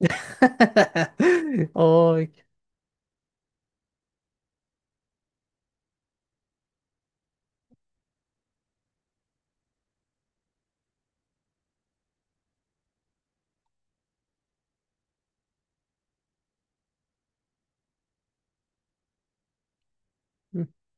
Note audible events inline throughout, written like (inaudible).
(laughs) Ay,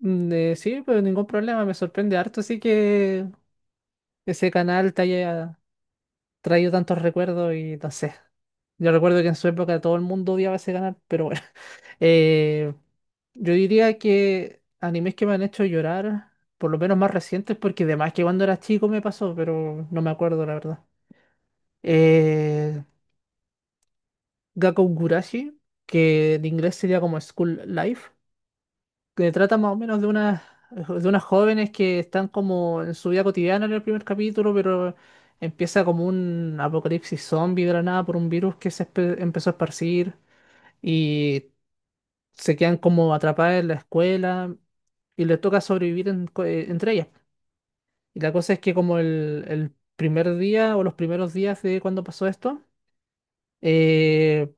sí, pero ningún problema, me sorprende harto, así que ese canal te haya traído tantos recuerdos y no sé. Yo recuerdo que en su época todo el mundo odiaba ese canal, pero bueno. (laughs) Eh, yo diría que animes que me han hecho llorar, por lo menos más recientes, porque de más que cuando era chico me pasó, pero no me acuerdo la verdad. Eh, Gakkou Gurashi, que en inglés sería como School Life, que trata más o menos de unas jóvenes que están como en su vida cotidiana en el primer capítulo, pero empieza como un apocalipsis zombie de la nada por un virus que se empezó a esparcir y se quedan como atrapadas en la escuela y les toca sobrevivir entre ellas. Y la cosa es que como el primer día o los primeros días de cuando pasó esto, eh,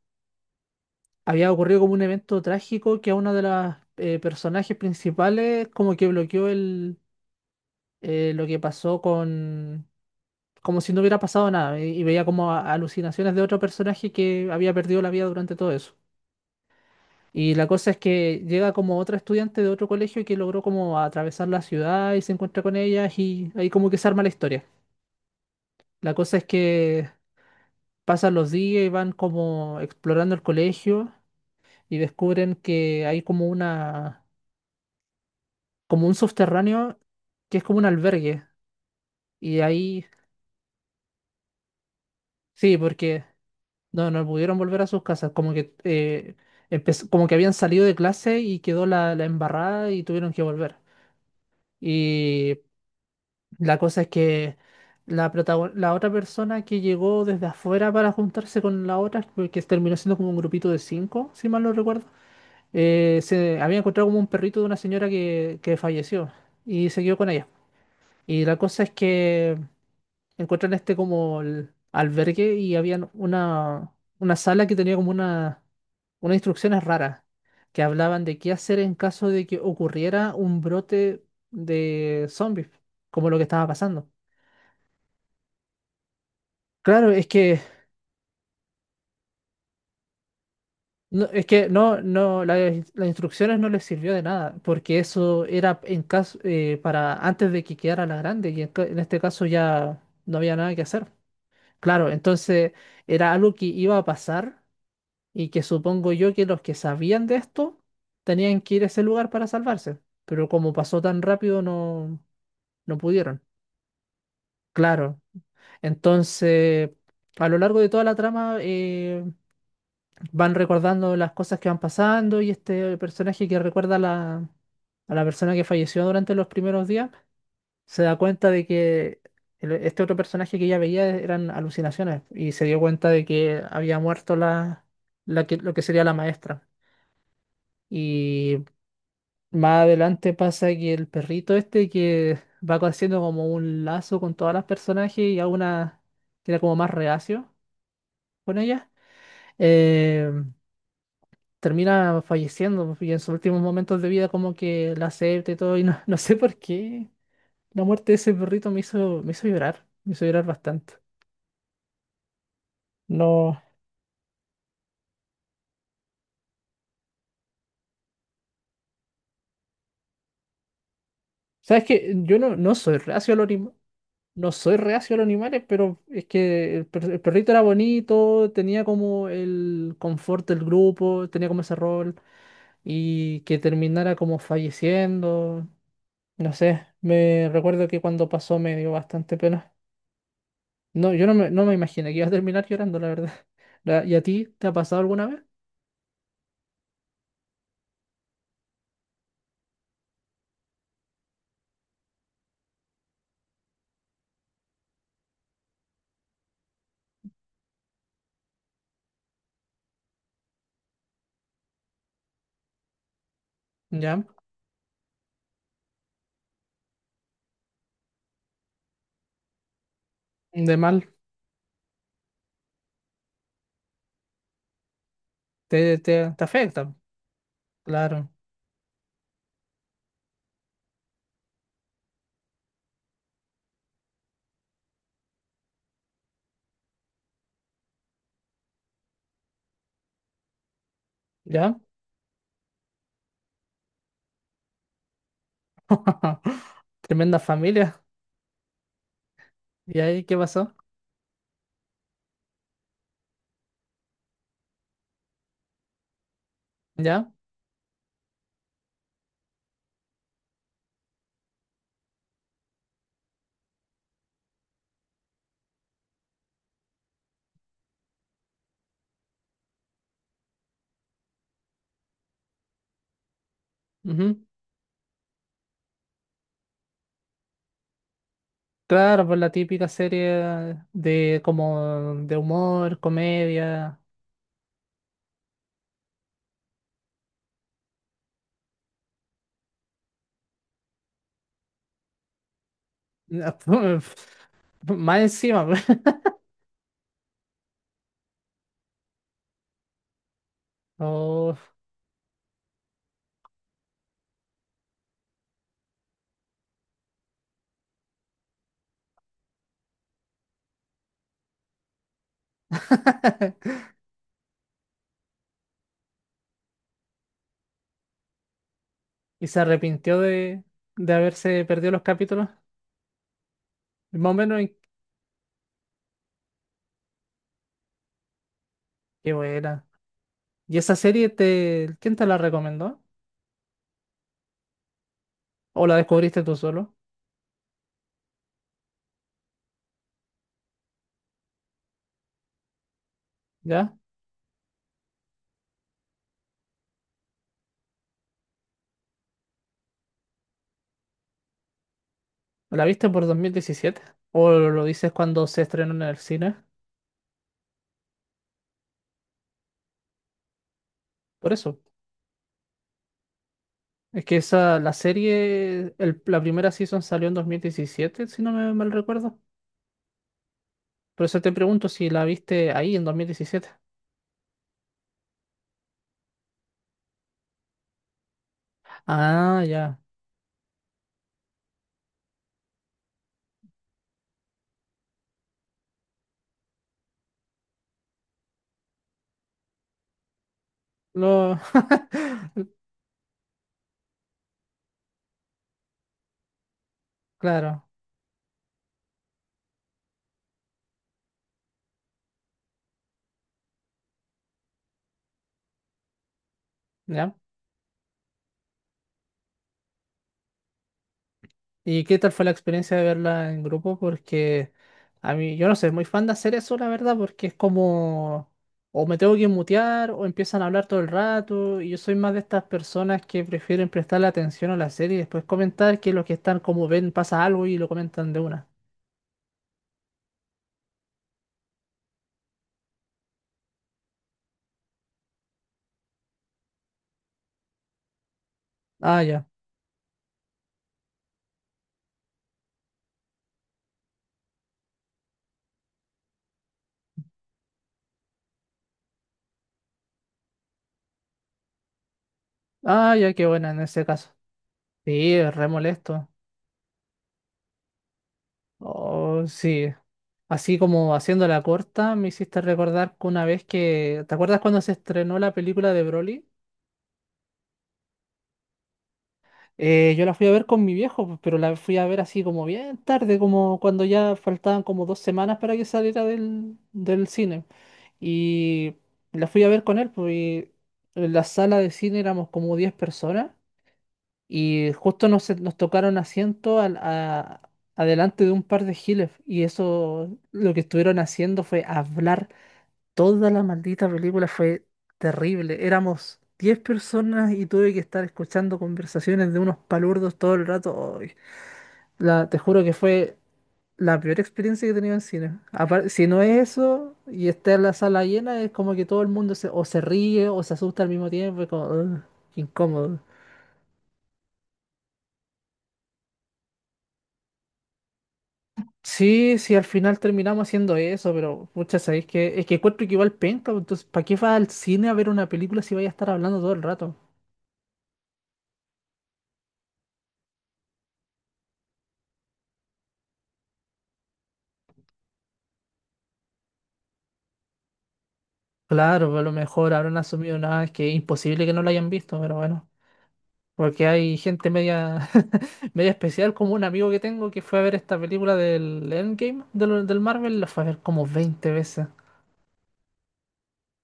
había ocurrido como un evento trágico que a una de las personajes principales como que bloqueó el lo que pasó con... como si no hubiera pasado nada, y veía como alucinaciones de otro personaje que había perdido la vida durante todo eso. Y la cosa es que llega como otra estudiante de otro colegio que logró como atravesar la ciudad y se encuentra con ellas y ahí como que se arma la historia. La cosa es que pasan los días y van como explorando el colegio y descubren que hay como como un subterráneo que es como un albergue. Y ahí, sí, porque no pudieron volver a sus casas, como que como que habían salido de clase y quedó la embarrada y tuvieron que volver. Y la cosa es que la otra persona que llegó desde afuera para juntarse con la otra, que terminó siendo como un grupito de cinco, si mal no recuerdo, se había encontrado como un perrito de una señora que falleció y se quedó con ella. Y la cosa es que encontré en este como el albergue y había una sala que tenía como unas instrucciones raras que hablaban de qué hacer en caso de que ocurriera un brote de zombies, como lo que estaba pasando. Claro, es que no, no, las instrucciones no les sirvió de nada, porque eso era en caso para antes de que quedara la grande, y en este caso ya no había nada que hacer. Claro, entonces era algo que iba a pasar y que supongo yo que los que sabían de esto tenían que ir a ese lugar para salvarse, pero como pasó tan rápido no, no pudieron. Claro, entonces a lo largo de toda la trama van recordando las cosas que van pasando y este personaje que recuerda a la persona que falleció durante los primeros días se da cuenta de que este otro personaje que ella veía eran alucinaciones y se dio cuenta de que había muerto lo que sería la maestra. Y más adelante pasa que el perrito este que va haciendo como un lazo con todas las personajes y alguna que era como más reacio con ella, eh, termina falleciendo y en sus últimos momentos de vida como que la acepta y todo y no, (laughs) no sé por qué la muerte de ese perrito me hizo llorar, me hizo llorar bastante. No, sabes que yo no soy reacio no soy reacio a los animales, pero es que el perrito era bonito, tenía como el confort del grupo, tenía como ese rol, y que terminara como falleciendo, no sé, me recuerdo que cuando pasó me dio bastante pena. No, yo no me imaginé que ibas a terminar llorando, la verdad. (laughs) La- ¿Y a ti te ha pasado alguna vez? ¿Ya? De mal, te afecta, claro, ¿ya? (laughs) Tremenda familia, ¿y ahí qué pasó? ¿Ya? Ujú. Claro, pues la típica serie de como de humor, comedia. (laughs) Más encima. (laughs) Oh. (laughs) Y se arrepintió de haberse perdido los capítulos. Más o menos, y qué buena. ¿Y esa serie te, quién te la recomendó? ¿O la descubriste tú solo? ¿Ya? ¿La viste por 2017 o lo dices cuando se estrenó en el cine? Por eso. Es que esa, la serie, el- la primera season salió en 2017 si no me mal recuerdo. Por eso te pregunto si la viste ahí en 2017. Ah, ya. Lo... (laughs) Claro, ya. ¿Y qué tal fue la experiencia de verla en grupo? Porque a mí, yo no sé, muy fan de hacer eso, la verdad, porque es como, o me tengo que mutear, o empiezan a hablar todo el rato, y yo soy más de estas personas que prefieren prestarle atención a la serie y después comentar que los que están como ven pasa algo y lo comentan de una. Ah, ya. Ah, ya, qué buena en ese caso. Sí, es re molesto. Oh, sí. Así como haciendo la corta, me hiciste recordar que una vez que. ¿Te acuerdas cuando se estrenó la película de Broly? Yo la fui a ver con mi viejo, pues, pero la fui a ver así como bien tarde, como cuando ya faltaban como 2 semanas para que saliera del cine. Y la fui a ver con él, pues, y en la sala de cine éramos como 10 personas. Y justo nos tocaron asiento adelante de un par de giles. Y eso lo que estuvieron haciendo fue hablar toda la maldita película. Fue terrible. Éramos 10 personas y tuve que estar escuchando conversaciones de unos palurdos todo el rato. Ay, te juro que fue la peor experiencia que he tenido en cine. Apar- si no es eso y está en la sala llena, es como que todo el mundo se, o se ríe o se asusta al mismo tiempo. Es como, "Ugh, qué incómodo". Sí, sí, al final terminamos haciendo eso, pero pucha, sabéis que es que encuentro que igual penca, pues, entonces, ¿para qué vas al cine a ver una película si vais a estar hablando todo el rato? Claro, pues, a lo mejor habrán asumido nada, es que es imposible que no lo hayan visto, pero bueno, porque hay gente media, (laughs) media especial, como un amigo que tengo que fue a ver esta película del Endgame, del Marvel, la fue a ver como 20 veces.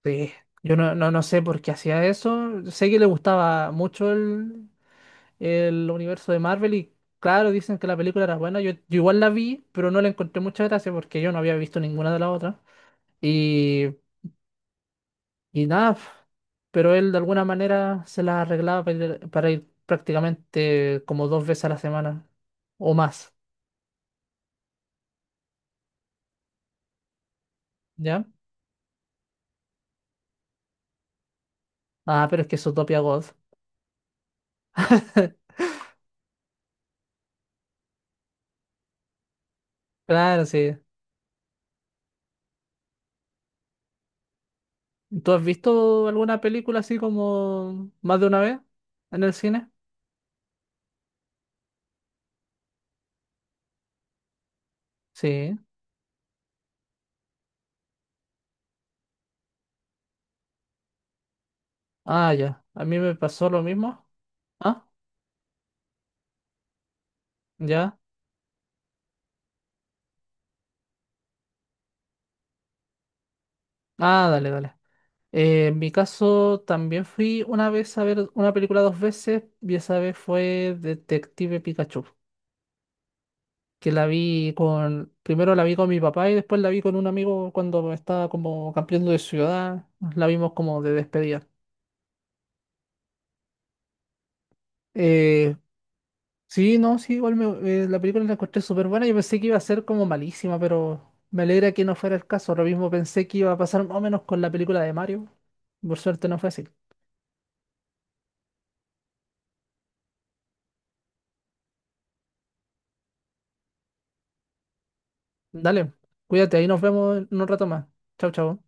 Sí, yo no sé por qué hacía eso, sé que le gustaba mucho el universo de Marvel y claro, dicen que la película era buena. Yo igual la vi, pero no la encontré mucha gracia porque yo no había visto ninguna de las otras. Y, y nada, pf, pero él de alguna manera se la arreglaba para ir, prácticamente como dos veces a la semana o más, ¿ya? Ah, pero es que es Utopia God. (laughs) Claro, sí. ¿Tú has visto alguna película así como más de una vez en el cine? Sí. Ah, ya. A mí me pasó lo mismo. Ah, ya. Ah, dale, dale. En mi caso también fui una vez a ver una película dos veces y esa vez fue Detective Pikachu, que la vi con, primero la vi con mi papá y después la vi con un amigo cuando estaba como cambiando de ciudad, la vimos como de despedida. Eh, sí, no, sí, igual la película la encontré súper buena, yo pensé que iba a ser como malísima, pero me alegra que no fuera el caso, lo mismo pensé que iba a pasar más o menos con la película de Mario, por suerte no fue así. Dale, cuídate, ahí nos vemos en un rato más. Chao, chao.